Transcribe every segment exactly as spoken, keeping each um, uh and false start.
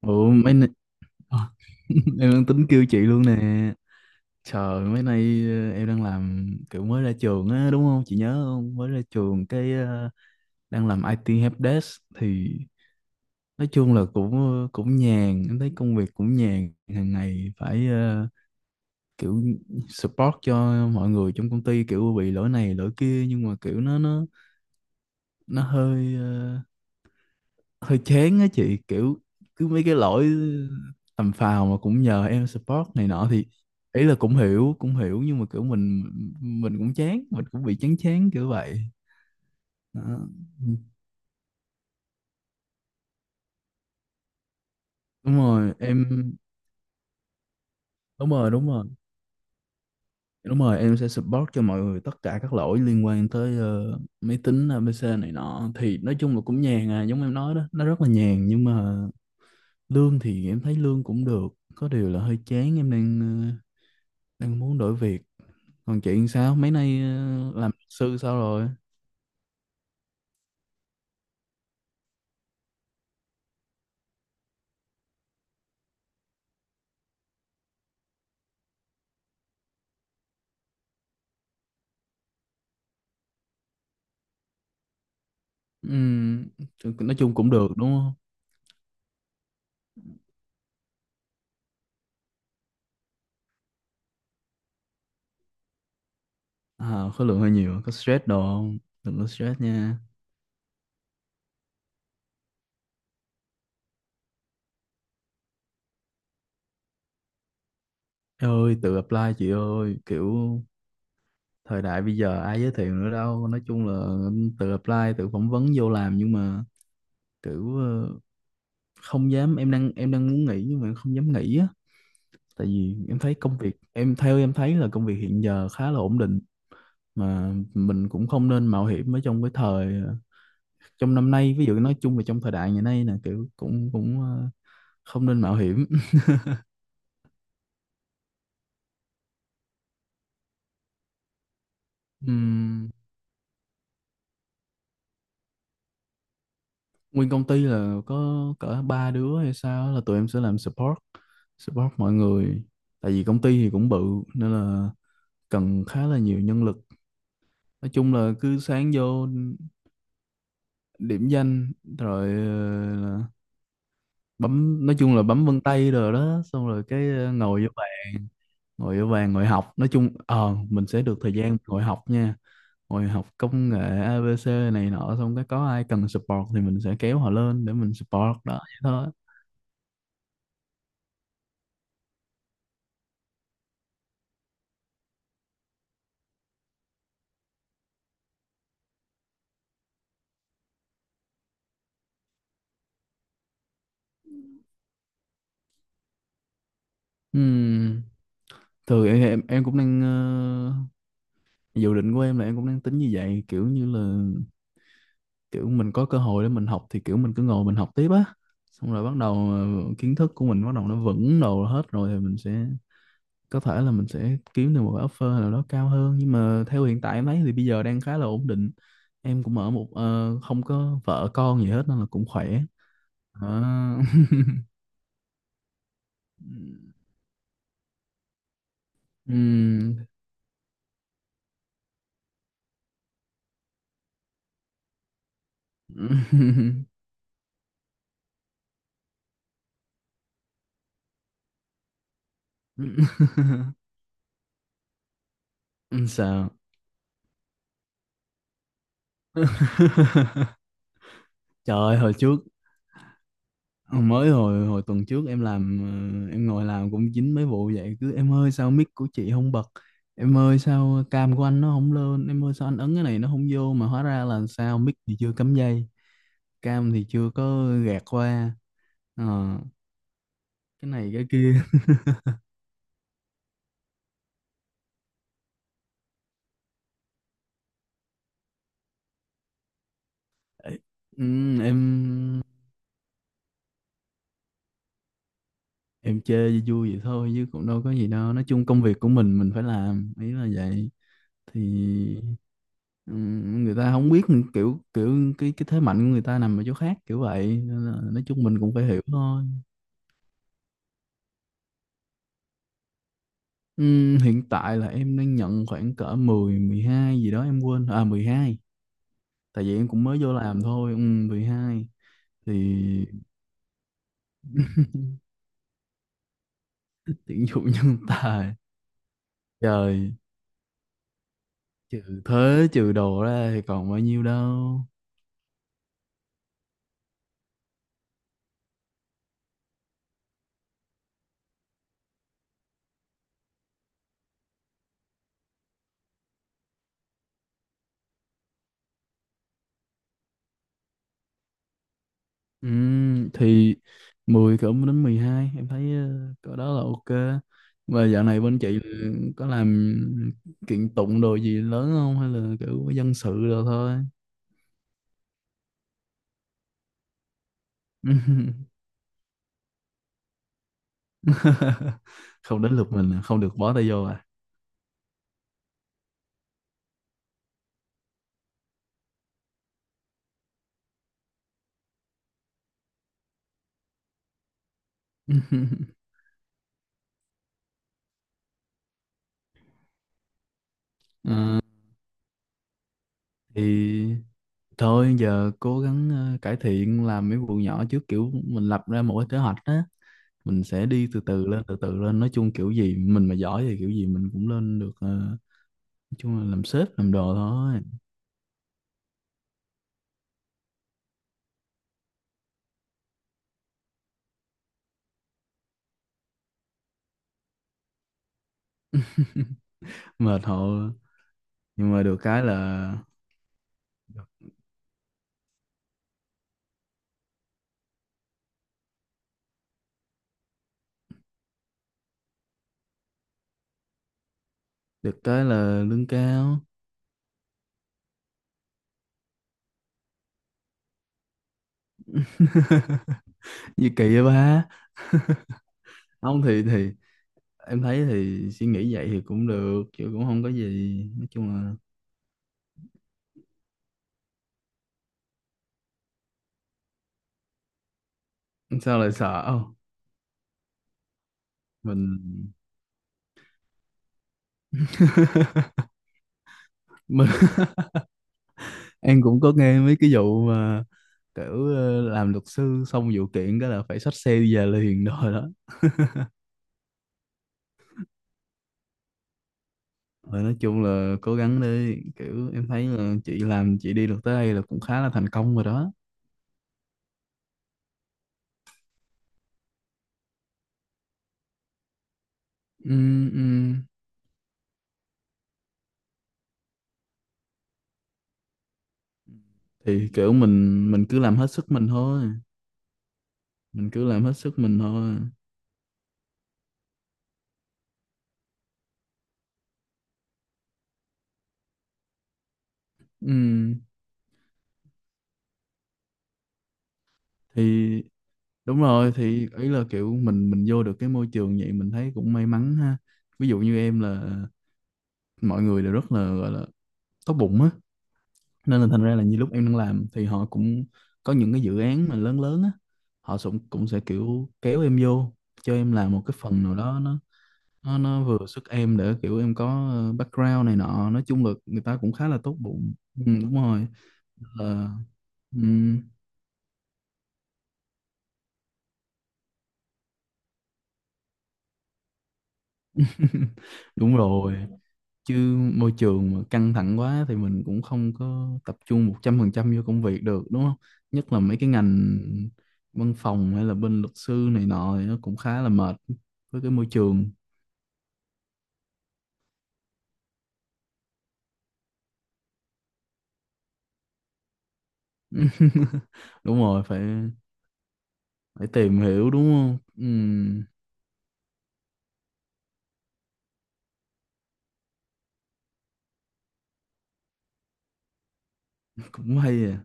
Ủa, mấy nay... em đang tính kêu chị luôn nè. Trời, mấy nay ờ, em đang làm kiểu mới ra trường á, đúng không? Chị nhớ không? Mới ra trường cái ờ, đang làm ai ti helpdesk thì nói chung là cũng ờ, cũng nhàn, em thấy công việc cũng nhàn, hàng ngày phải ờ, kiểu support cho mọi người trong công ty, kiểu bị lỗi này lỗi kia, nhưng mà kiểu nó nó nó hơi ờ, hơi chán á chị, kiểu cứ mấy cái lỗi tầm phào mà cũng nhờ em support này nọ, thì ý là cũng hiểu cũng hiểu, nhưng mà kiểu mình mình cũng chán, mình cũng bị chán chán kiểu vậy đó. Đúng rồi em. Đúng rồi, đúng rồi, đúng rồi em sẽ support cho mọi người tất cả các lỗi liên quan tới ờ, máy tính a bê xê này nọ, thì nói chung là cũng nhàn à, giống em nói đó, nó rất là nhàn, nhưng mà lương thì em thấy lương cũng được, có điều là hơi chán. Em đang ờ, đang muốn đổi việc. Còn chuyện sao mấy nay ờ, làm luật sư sao rồi? Ừm, nói chung cũng được đúng không? À, khối lượng hơi nhiều, có stress đồ không? Đừng có stress nha. Ê ơi, tự apply chị ơi, kiểu thời đại bây giờ ai giới thiệu nữa đâu, nói chung là ừ, tự apply tự phỏng vấn vô làm, nhưng mà kiểu ờ, không dám. Em đang em đang muốn nghỉ nhưng mà em không dám nghỉ á, tại vì em thấy công việc em theo, em thấy là công việc hiện giờ khá là ổn định, mà mình cũng không nên mạo hiểm ở trong cái thời, trong năm nay, ví dụ nói chung là trong thời đại ngày nay nè, kiểu cũng cũng ờ, không nên mạo hiểm. Ừm, nguyên công ty là có cỡ ba đứa hay sao á, là tụi em sẽ làm support, support mọi người, tại vì công ty thì cũng bự, nên là cần khá là nhiều nhân lực. Nói chung là cứ sáng vô điểm danh, rồi ờ, là bấm, nói chung là bấm vân tay rồi đó, xong rồi cái ờ, ngồi vô bàn, ngồi vô bàn ngồi học, nói chung ờ mình sẽ được thời gian ngồi học nha. Rồi học công nghệ a bê xê này nọ, xong cái có ai cần support thì mình sẽ kéo họ lên để mình support, đó vậy thôi. Ừm, Thường em, em em cũng đang ờ, dự định của em là em cũng đang tính như vậy, kiểu như là kiểu mình có cơ hội để mình học thì kiểu mình cứ ngồi mình học tiếp á. Xong rồi bắt đầu ờ, kiến thức của mình bắt đầu nó vững đồ hết rồi thì mình sẽ có thể là mình sẽ kiếm được một cái offer nào đó cao hơn, nhưng mà theo hiện tại em thấy thì bây giờ đang khá là ổn định. Em cũng ở một ờ, không có vợ con gì hết nên là cũng khỏe. Đó. Ừm. Sao? Trời ơi, hồi trước ờ, mới hồi hồi tuần trước em làm, ờ, em ngồi làm cũng dính mấy vụ vậy, cứ em ơi sao mic của chị không bật, em ơi sao cam của anh nó không lên, em ơi sao anh ấn cái này nó không vô, mà hóa ra là sao, mic thì chưa cắm dây, cam thì chưa có gạt qua. Ờ, cái này cái kia. Ừm, em em chơi vui vui vậy thôi chứ cũng đâu có gì đâu, nói chung công việc của mình mình phải làm, ý là vậy. Thì ừm, người ta không biết kiểu, kiểu cái cái thế mạnh của người ta nằm ở chỗ khác, kiểu vậy. Nên là nói chung mình cũng phải hiểu thôi. Ừm, hiện tại là em đang nhận khoảng cỡ mười mười hai gì đó, em quên, à mười hai, tại vì em cũng mới vô làm thôi. Ừm, mười hai thì tuyển dụng nhân tài. Trời, trừ thuế trừ đồ ra thì còn bao nhiêu đâu. Ừm, thì mười cỡ đến mười hai em thấy ờ, cỡ đó là ok. Và dạo này bên chị là có làm kiện tụng đồ gì lớn không, hay là kiểu dân sự rồi thôi? Không đến lượt mình à, không được bó tay vô à? Ờ, thì thôi giờ cố gắng ờ, cải thiện làm mấy vụ nhỏ trước, kiểu mình lập ra một cái kế hoạch á, mình sẽ đi từ từ lên từ từ lên, nói chung kiểu gì mình mà giỏi thì kiểu gì mình cũng lên được. Ờ, nói chung là làm sếp làm đồ thôi, mệt thôi, nhưng mà được cái là được cái là lương cao. Gì kỳ vậy ba ông, thì thì em thấy thì suy nghĩ vậy thì cũng được chứ cũng không có gì, nói chung là sao lại sợ không? Mình mình em cũng có nghe mấy cái vụ mà kiểu ờ, làm luật sư xong vụ kiện cái là phải xách xe đi về liền rồi đó. Rồi nói chung là cố gắng đi, kiểu em thấy là chị làm chị đi được tới đây là cũng khá là thành công rồi đó. Ừ, ừ. Thì kiểu mình mình cứ làm hết sức mình thôi, mình cứ làm hết sức mình thôi ừ. Thì đúng rồi, thì ý là kiểu mình mình vô được cái môi trường vậy mình thấy cũng may mắn ha. Ví dụ như em là mọi người đều rất là gọi là tốt bụng á, nên là thành ra là như lúc em đang làm thì họ cũng có những cái dự án mà lớn lớn á, họ cũng cũng sẽ kiểu kéo em vô cho em làm một cái phần nào đó, nó nó nó vừa sức em, để kiểu em có ờ, background này nọ, nói chung là người ta cũng khá là tốt bụng. Ừ, đúng rồi. Ờ, ừm, đúng rồi, chứ môi trường mà căng thẳng quá thì mình cũng không có tập trung một trăm phần trăm vô công việc được, đúng không? Nhất là mấy cái ngành văn phòng, hay là bên luật sư này nọ thì nó cũng khá là mệt với cái môi trường. Đúng rồi, phải phải tìm hiểu đúng không. Ừm, cũng hay à.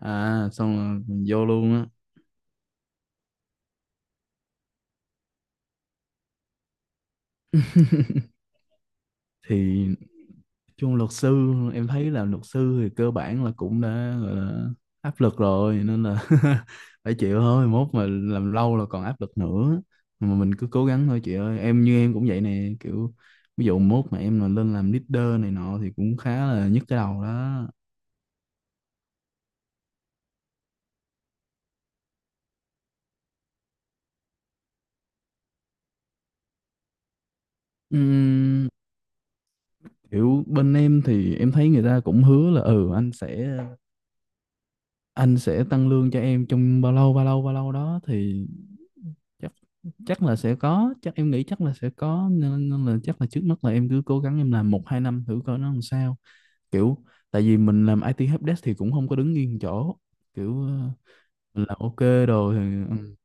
À, xong rồi mình vô luôn á. Thì chung luật sư em thấy là luật sư thì cơ bản là cũng đã gọi là áp lực rồi, nên là phải chịu thôi, mốt mà làm lâu là còn áp lực nữa, mà mình cứ cố gắng thôi chị ơi, em như em cũng vậy nè, kiểu ví dụ mốt mà em mà lên làm leader này nọ thì cũng khá là nhức cái đầu đó. Ừm, kiểu bên em thì em thấy người ta cũng hứa là ừ, anh sẽ anh sẽ tăng lương cho em trong bao lâu bao lâu bao lâu đó, thì chắc chắc là sẽ có, chắc em nghĩ chắc là sẽ có, nên, nên là chắc là trước mắt là em cứ cố gắng em làm một hai năm thử coi nó làm sao, kiểu tại vì mình làm ai ti helpdesk thì cũng không có đứng yên chỗ, kiểu ờ, mình làm ok rồi thì ừ,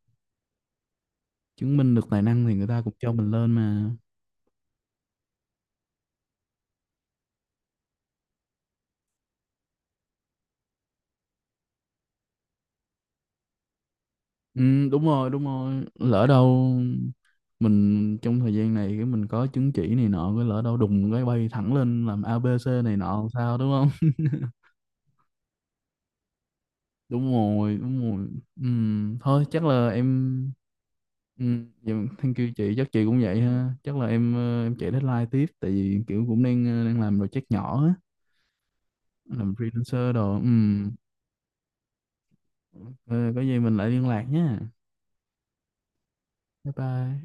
chứng minh được tài năng thì người ta cũng cho mình lên mà. Ừ, đúng rồi, đúng rồi, lỡ đâu mình trong thời gian này cái mình có chứng chỉ này nọ, cái lỡ đâu đùng cái bay thẳng lên làm a bê xê này nọ làm sao, đúng. Đúng rồi, đúng rồi. Ừm, thôi chắc là em ừm, dạ, thank you chị, chắc chị cũng vậy ha. Chắc là em ờ, em chạy deadline tiếp, tại vì kiểu cũng đang ờ, đang làm project nhỏ á, làm freelancer đồ. Ừm. Ờ, có gì mình lại liên lạc nhé. Bye bye.